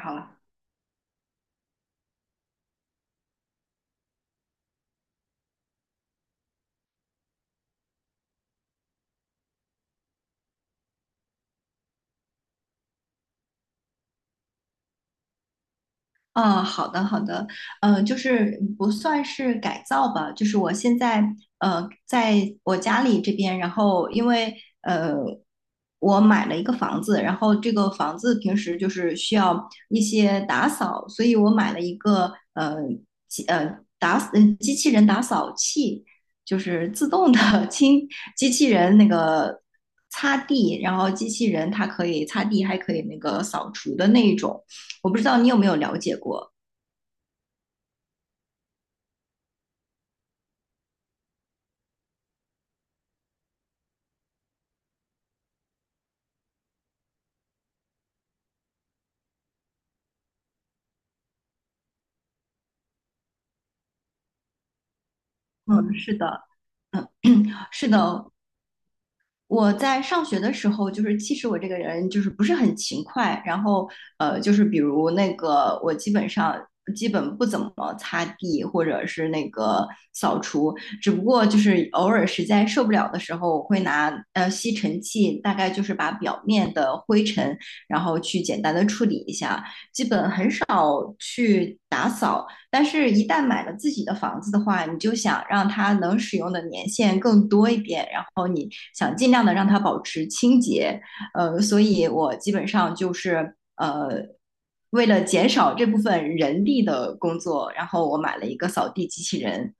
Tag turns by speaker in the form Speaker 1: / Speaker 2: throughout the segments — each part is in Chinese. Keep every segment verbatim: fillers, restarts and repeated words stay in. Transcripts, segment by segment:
Speaker 1: 好了。啊，好的好的。呃，就是不算是改造吧，就是我现在呃在我家里这边，然后因为呃我买了一个房子。然后这个房子平时就是需要一些打扫，所以我买了一个呃机呃打嗯机器人打扫器，就是自动的 清机器人那个擦地。然后机器人它可以擦地，还可以那个扫除的那一种。我不知道你有没有了解过？嗯，是的。是的。我在上学的时候，就是其实我这个人就是不是很勤快，然后呃，就是比如那个我基本上基本不怎么擦地或者是那个扫除。只不过就是偶尔实在受不了的时候，我会拿呃吸尘器，大概就是把表面的灰尘，然后去简单的处理一下，基本很少去打扫。但是，一旦买了自己的房子的话，你就想让它能使用的年限更多一点，想尽量的让它保持清洁。呃，所以我基本上就是呃，为了减少这部分人力的工作，然后我买了一个扫地机器人。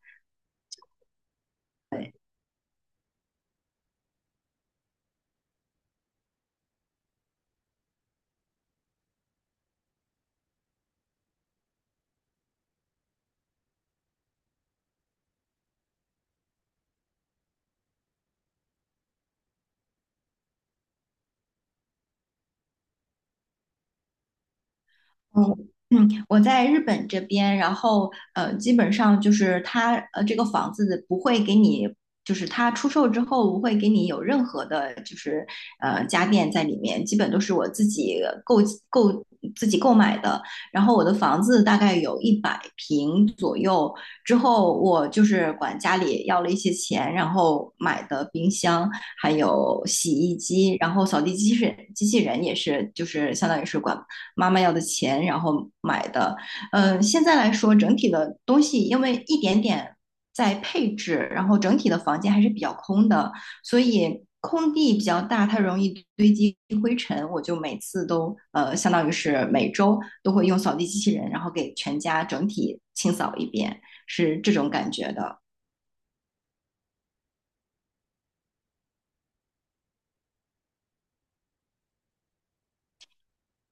Speaker 1: 嗯嗯。我在日本这边，然后呃，基本上就是他呃，这个房子不会给你，就是他出售之后不会给你有任何的，就是呃家电在里面，基本都是我自己购购自己购买的。然后我的房子大概有一百平左右。之后我就是管家里要了一些钱，然后买的冰箱，还有洗衣机，然后扫地机器人机器人也是，就是相当于是管妈妈要的钱，然后买的。嗯、呃现在来说，整体的东西因为一点点在配置，然后整体的房间还是比较空的，所以空地比较大，它容易堆积灰尘。我就每次都呃，相当于是每周都会用扫地机器人，然后给全家整体清扫一遍，是这种感觉的。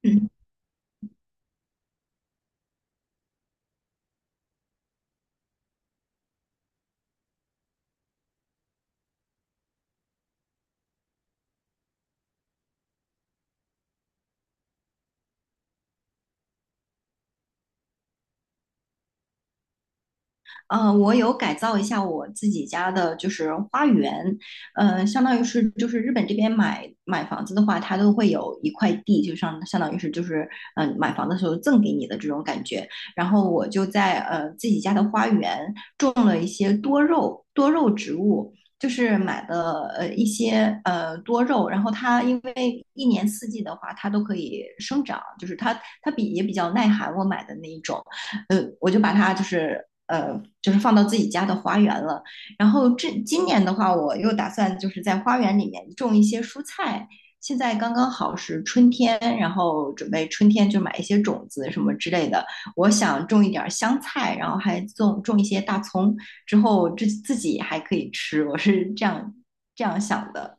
Speaker 1: 嗯。呃，我有改造一下我自己家的，就是花园。呃，相当于是就是日本这边买买房子的话，它都会有一块地，就相相当于是就是嗯、呃买房的时候赠给你的这种感觉。然后我就在呃自己家的花园，些多肉多肉植物，就是买的呃一些呃多肉，然后它因为一年四季的话，它都可以生长，就是它它比也比较耐寒。我买的那一种，呃，我就把它就是呃就是放到自己家的花园了。然后这今年的话，我又打算就是在花园里面种一些蔬菜。现在刚刚好是春天，然后准备春天就买一些种子什么之类的。我想种一点儿香菜，然后还种种一些大葱，之后自自己还可以吃。我是这样这样想的。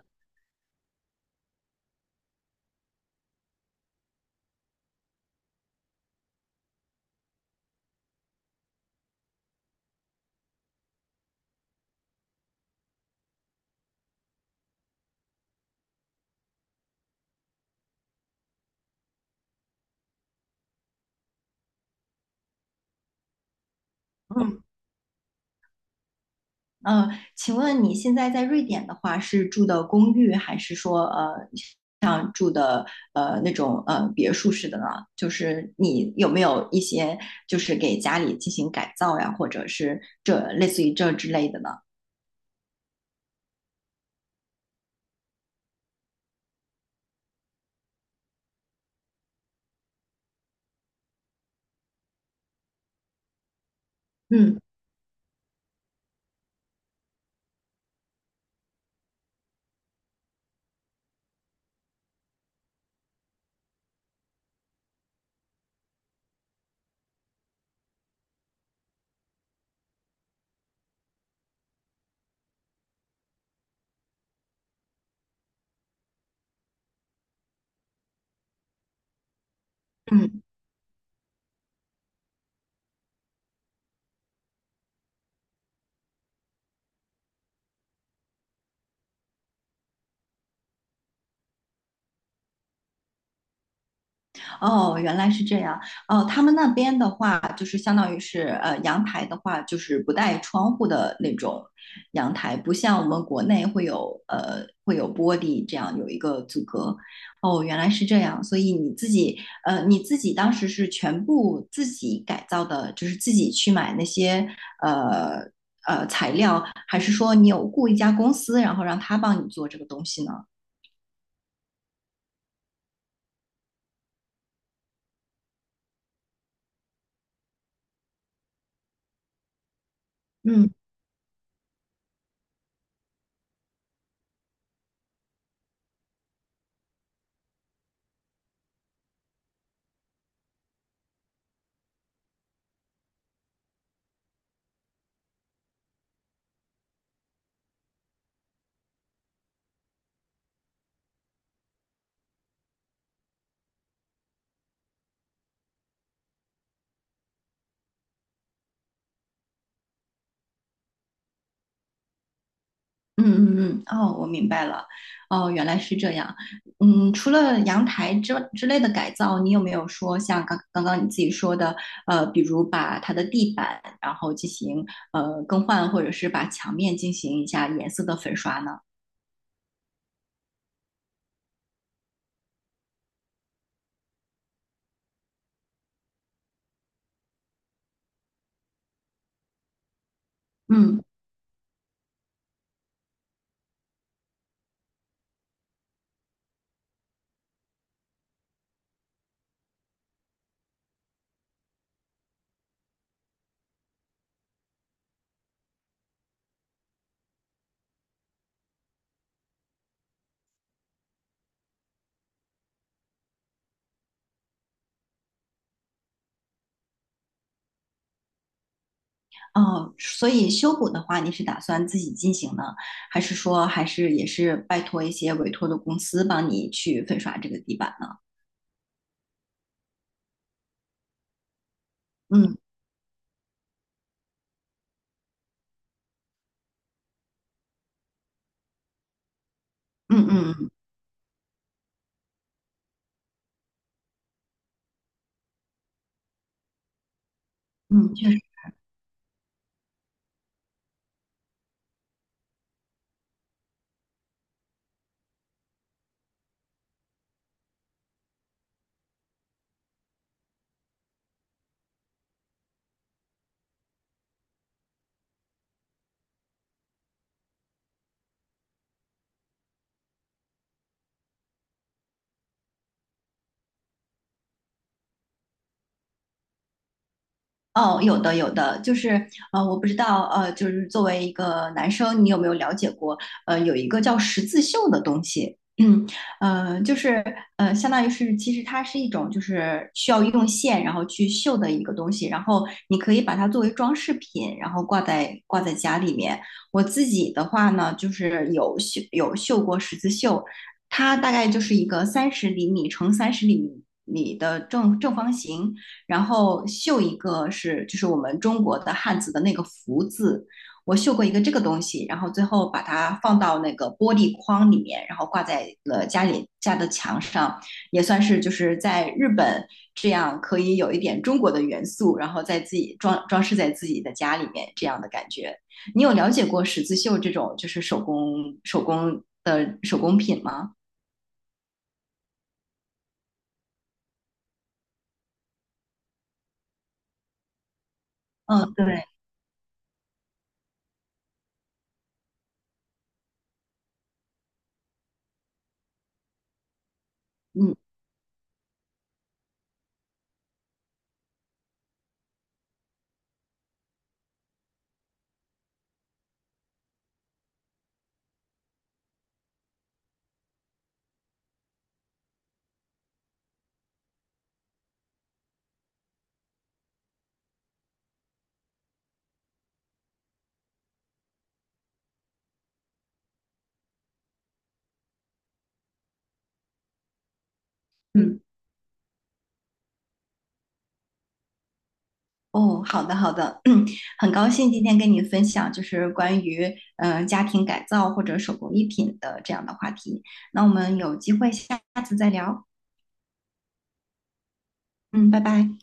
Speaker 1: 嗯嗯。呃，请问你现在在瑞典的话，是住的公寓，还是说呃像住的呃那种呃别墅式的呢？就是你有没有一些就是给家里进行改造呀，或者是这类似于这之类的呢？嗯嗯。哦，原来是这样。哦，他们那边的话，就是相当于是呃，阳台的话，就是不带窗户的那种阳台，不像我们国内会有呃会有玻璃这样有一个阻隔。哦，原来是这样。所以你自己呃，你自己当时是全部自己改造的，就是自己去买那些呃呃材料，还是说你有雇一家公司，然后让他帮你做这个东西呢？嗯。嗯嗯嗯。哦，我明白了。哦，原来是这样。嗯，除了阳台之之类的改造，你有没有说像刚刚刚你自己说的，呃，比如把它的地板然后进行呃更换，或者是把墙面进行一下颜色的粉刷呢？嗯。哦，所以修补的话，你是打算自己进行呢，还是说还是也是拜托一些委托的公司帮你去粉刷这个地板呢？嗯嗯嗯嗯，嗯，确实。哦，有的有的，就是呃，我不知道呃，就是作为一个男生，你有没有了解过？呃，有一个叫十字绣的东西。嗯，呃，就是呃，相当于是其实它是一种就是需要用线然后去绣的一个东西，然后你可以把它作为装饰品，然后挂在挂在家里面。我自己的话呢，就是有绣有绣过十字绣。它大概就是一个三十厘米乘三十厘米的正正方形。然后绣一个是就是我们中国的汉字的那个福字，我绣过一个这个东西，然后最后把它放到那个玻璃框里面，然后挂在了家里家的墙上，也算是就是在日本这样可以有一点中国的元素，然后在自己装装饰在自己的家里面这样的感觉。你有了解过十字绣这种就是手工手工的手工品吗？嗯，对。嗯嗯。哦，好的好的。嗯，很高兴今天跟你分享，就是关于嗯、呃家庭改造或者手工艺品的这样的话题。那我们有机会下次再聊。嗯，拜拜。